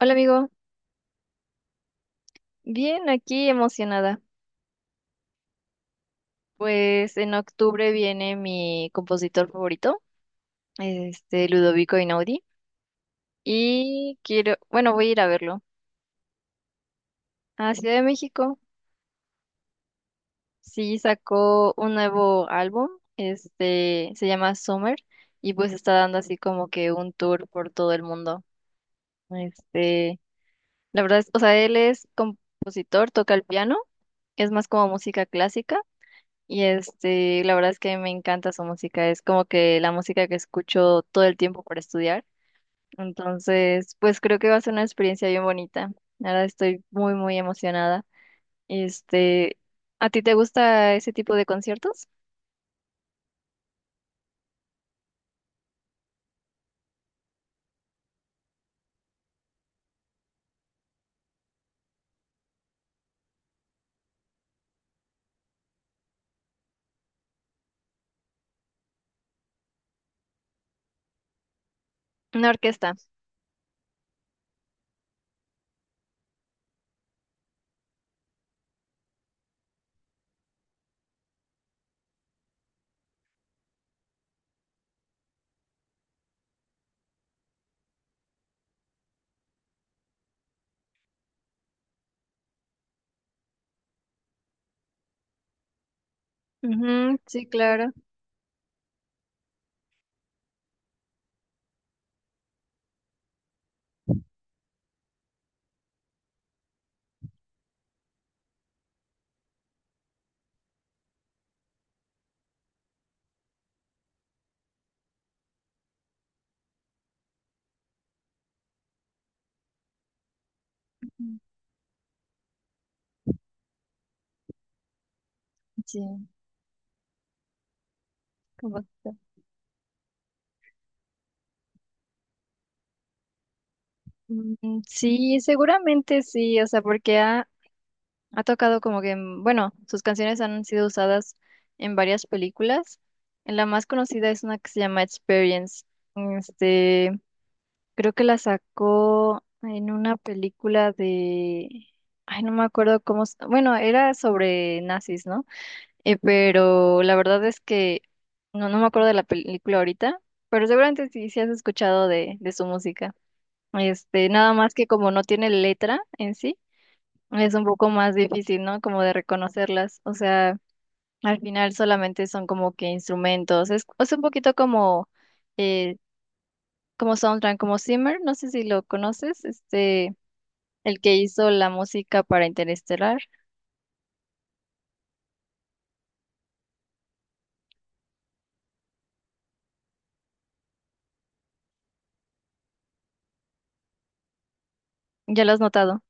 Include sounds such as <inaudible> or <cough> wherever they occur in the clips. Hola amigo, bien aquí emocionada. Pues en octubre viene mi compositor favorito, Ludovico Einaudi, y quiero, bueno, voy a ir a verlo a Ciudad de México. Sí, sacó un nuevo álbum, se llama Summer, y pues está dando así como que un tour por todo el mundo. Este, la verdad es, o sea, él es compositor, toca el piano, es más como música clásica. Y la verdad es que me encanta su música, es como que la música que escucho todo el tiempo para estudiar. Entonces, pues creo que va a ser una experiencia bien bonita. Ahora estoy muy emocionada. Este, ¿A ti te gusta ese tipo de conciertos? Una orquesta. Ujú, sí, claro. Mm, sí, como- mm, sí, seguramente sí, o sea, porque ha, ha tocado como que, bueno, sus canciones han sido usadas en varias películas. En la más conocida es una que se llama Experience. Este, creo que la sacó en una película de, ay, no me acuerdo cómo, bueno, era sobre nazis, ¿no? Pero la verdad es que no me acuerdo de la película ahorita, pero seguramente sí, sí has escuchado de su música. Nada más que como no tiene letra en sí es un poco más difícil, ¿no? Como de reconocerlas. O sea, al final solamente son como que instrumentos. Es un poquito como, eh, como soundtrack, como Zimmer, no sé si lo conoces, el que hizo la música para Interestelar. Ya lo has notado.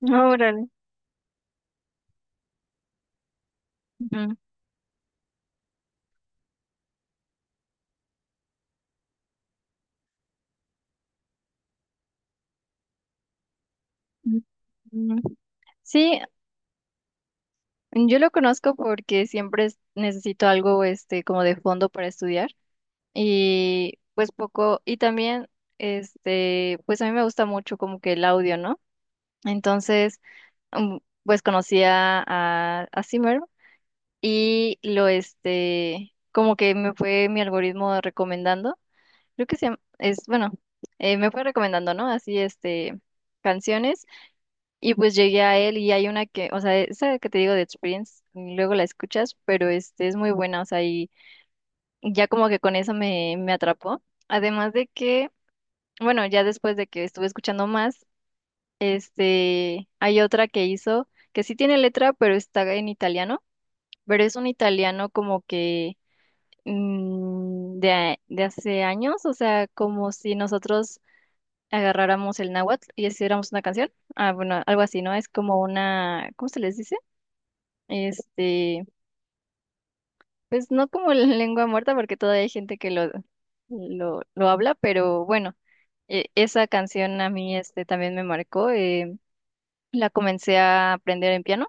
Ujú. Órale. Ujú. Mm, sí, yo lo conozco porque siempre necesito algo como de fondo para estudiar. Y pues poco, y también, pues a mí me gusta mucho como que el audio, ¿no? Entonces, mm, pues conocía a Zimmer y lo, como que me fue mi algoritmo recomendando, creo que es, bueno, me fue recomendando, ¿no? Así, canciones y pues llegué a él y hay una que, o sea, esa que te digo de Experience, luego la escuchas, pero es muy buena, o sea, y ya como que con eso me atrapó. Además de que bueno, ya después de que estuve escuchando más, hay otra que hizo que sí tiene letra, pero está en italiano, pero es un italiano como que de, de hace años, o sea, como si nosotros agarráramos el náhuatl y hiciéramos una canción. Ah, bueno, algo así, ¿no? Es como una, ¿cómo se les dice? Este, pues no como la <laughs> lengua muerta, porque todavía hay gente que lo habla, pero bueno, esa canción a mí también me marcó. La comencé a aprender en piano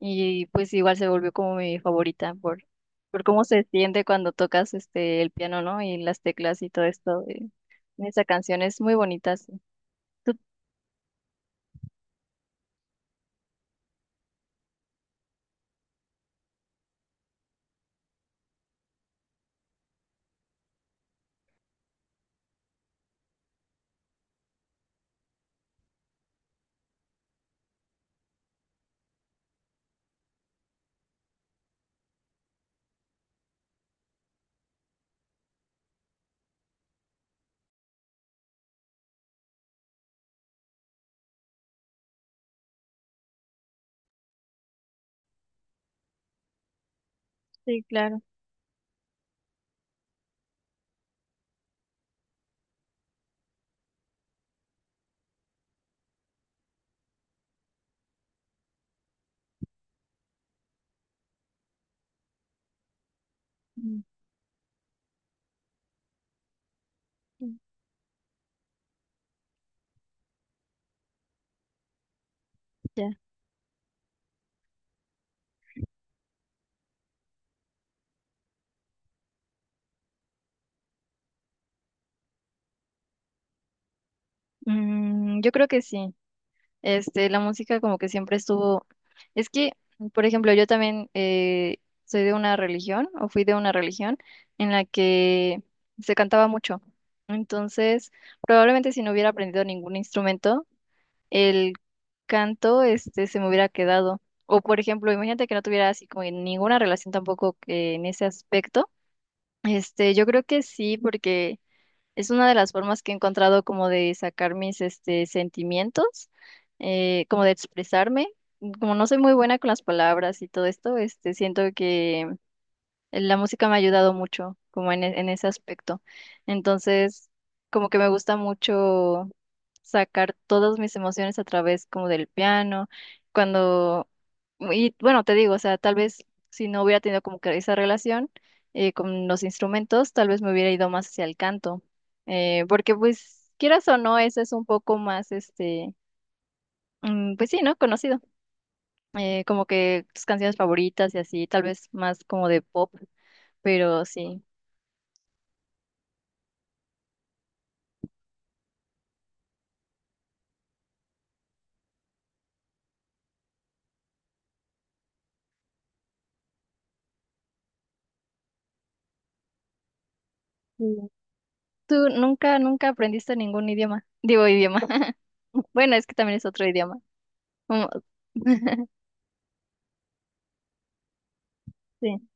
y pues igual se volvió como mi favorita por cómo se siente cuando tocas el piano, ¿no? Y las teclas y todo esto de esa canción es muy bonita, sí. Tú- sí, claro. Mm, mm, ya. Mm, yo creo que sí. La música como que siempre estuvo. Es que, por ejemplo, yo también soy de una religión o fui de una religión en la que se cantaba mucho. Entonces, probablemente si no hubiera aprendido ningún instrumento, el canto se me hubiera quedado. O por ejemplo, imagínate que no tuviera así como ninguna relación tampoco que en ese aspecto. Yo creo que sí, porque es una de las formas que he encontrado como de sacar mis sentimientos, como de expresarme. Como no soy muy buena con las palabras y todo esto, siento que la música me ha ayudado mucho, como en, en ese aspecto. Entonces, como que me gusta mucho sacar todas mis emociones a través como del piano, cuando, y bueno, te digo, o sea, tal vez si no hubiera tenido como que esa relación con los instrumentos, tal vez me hubiera ido más hacia el canto, porque pues quieras o no, eso es un poco más, mm, pues sí, ¿no? Conocido, como que tus canciones favoritas y así, tal vez más como de pop, pero sí. Mm. ¿Tú nunca aprendiste ningún idioma? Digo idioma. <laughs> Bueno, es que también es otro idioma. Como- <laughs> Sí.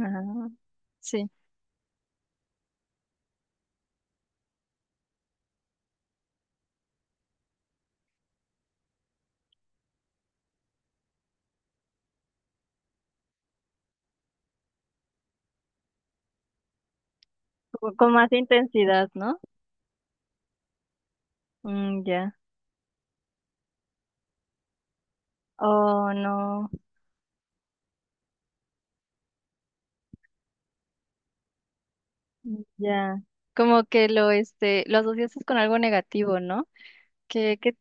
Ah, sí. Como con más intensidad, ¿no? Mm, ya. Oh, no. Mm, ya. Como que lo, lo asociaste con algo negativo, ¿no? Qué, qué,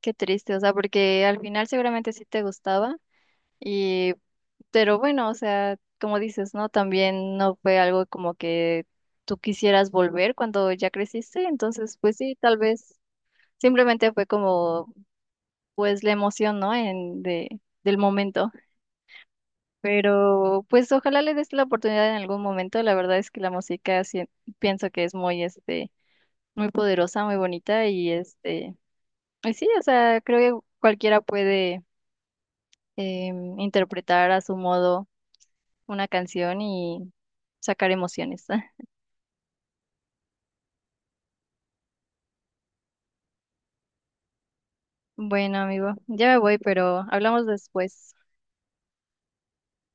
qué triste. O sea, porque al final seguramente sí te gustaba. Y pero bueno, o sea, como dices, ¿no? También no fue algo como que tú quisieras volver cuando ya creciste, entonces pues sí, tal vez simplemente fue como pues la emoción, ¿no? En de del momento. Pero pues ojalá le des la oportunidad en algún momento. La verdad es que la música pienso que es muy muy poderosa, muy bonita y y sí, o sea, creo que cualquiera puede interpretar a su modo una canción y sacar emociones. <laughs> Bueno, amigo, ya me voy, pero hablamos después.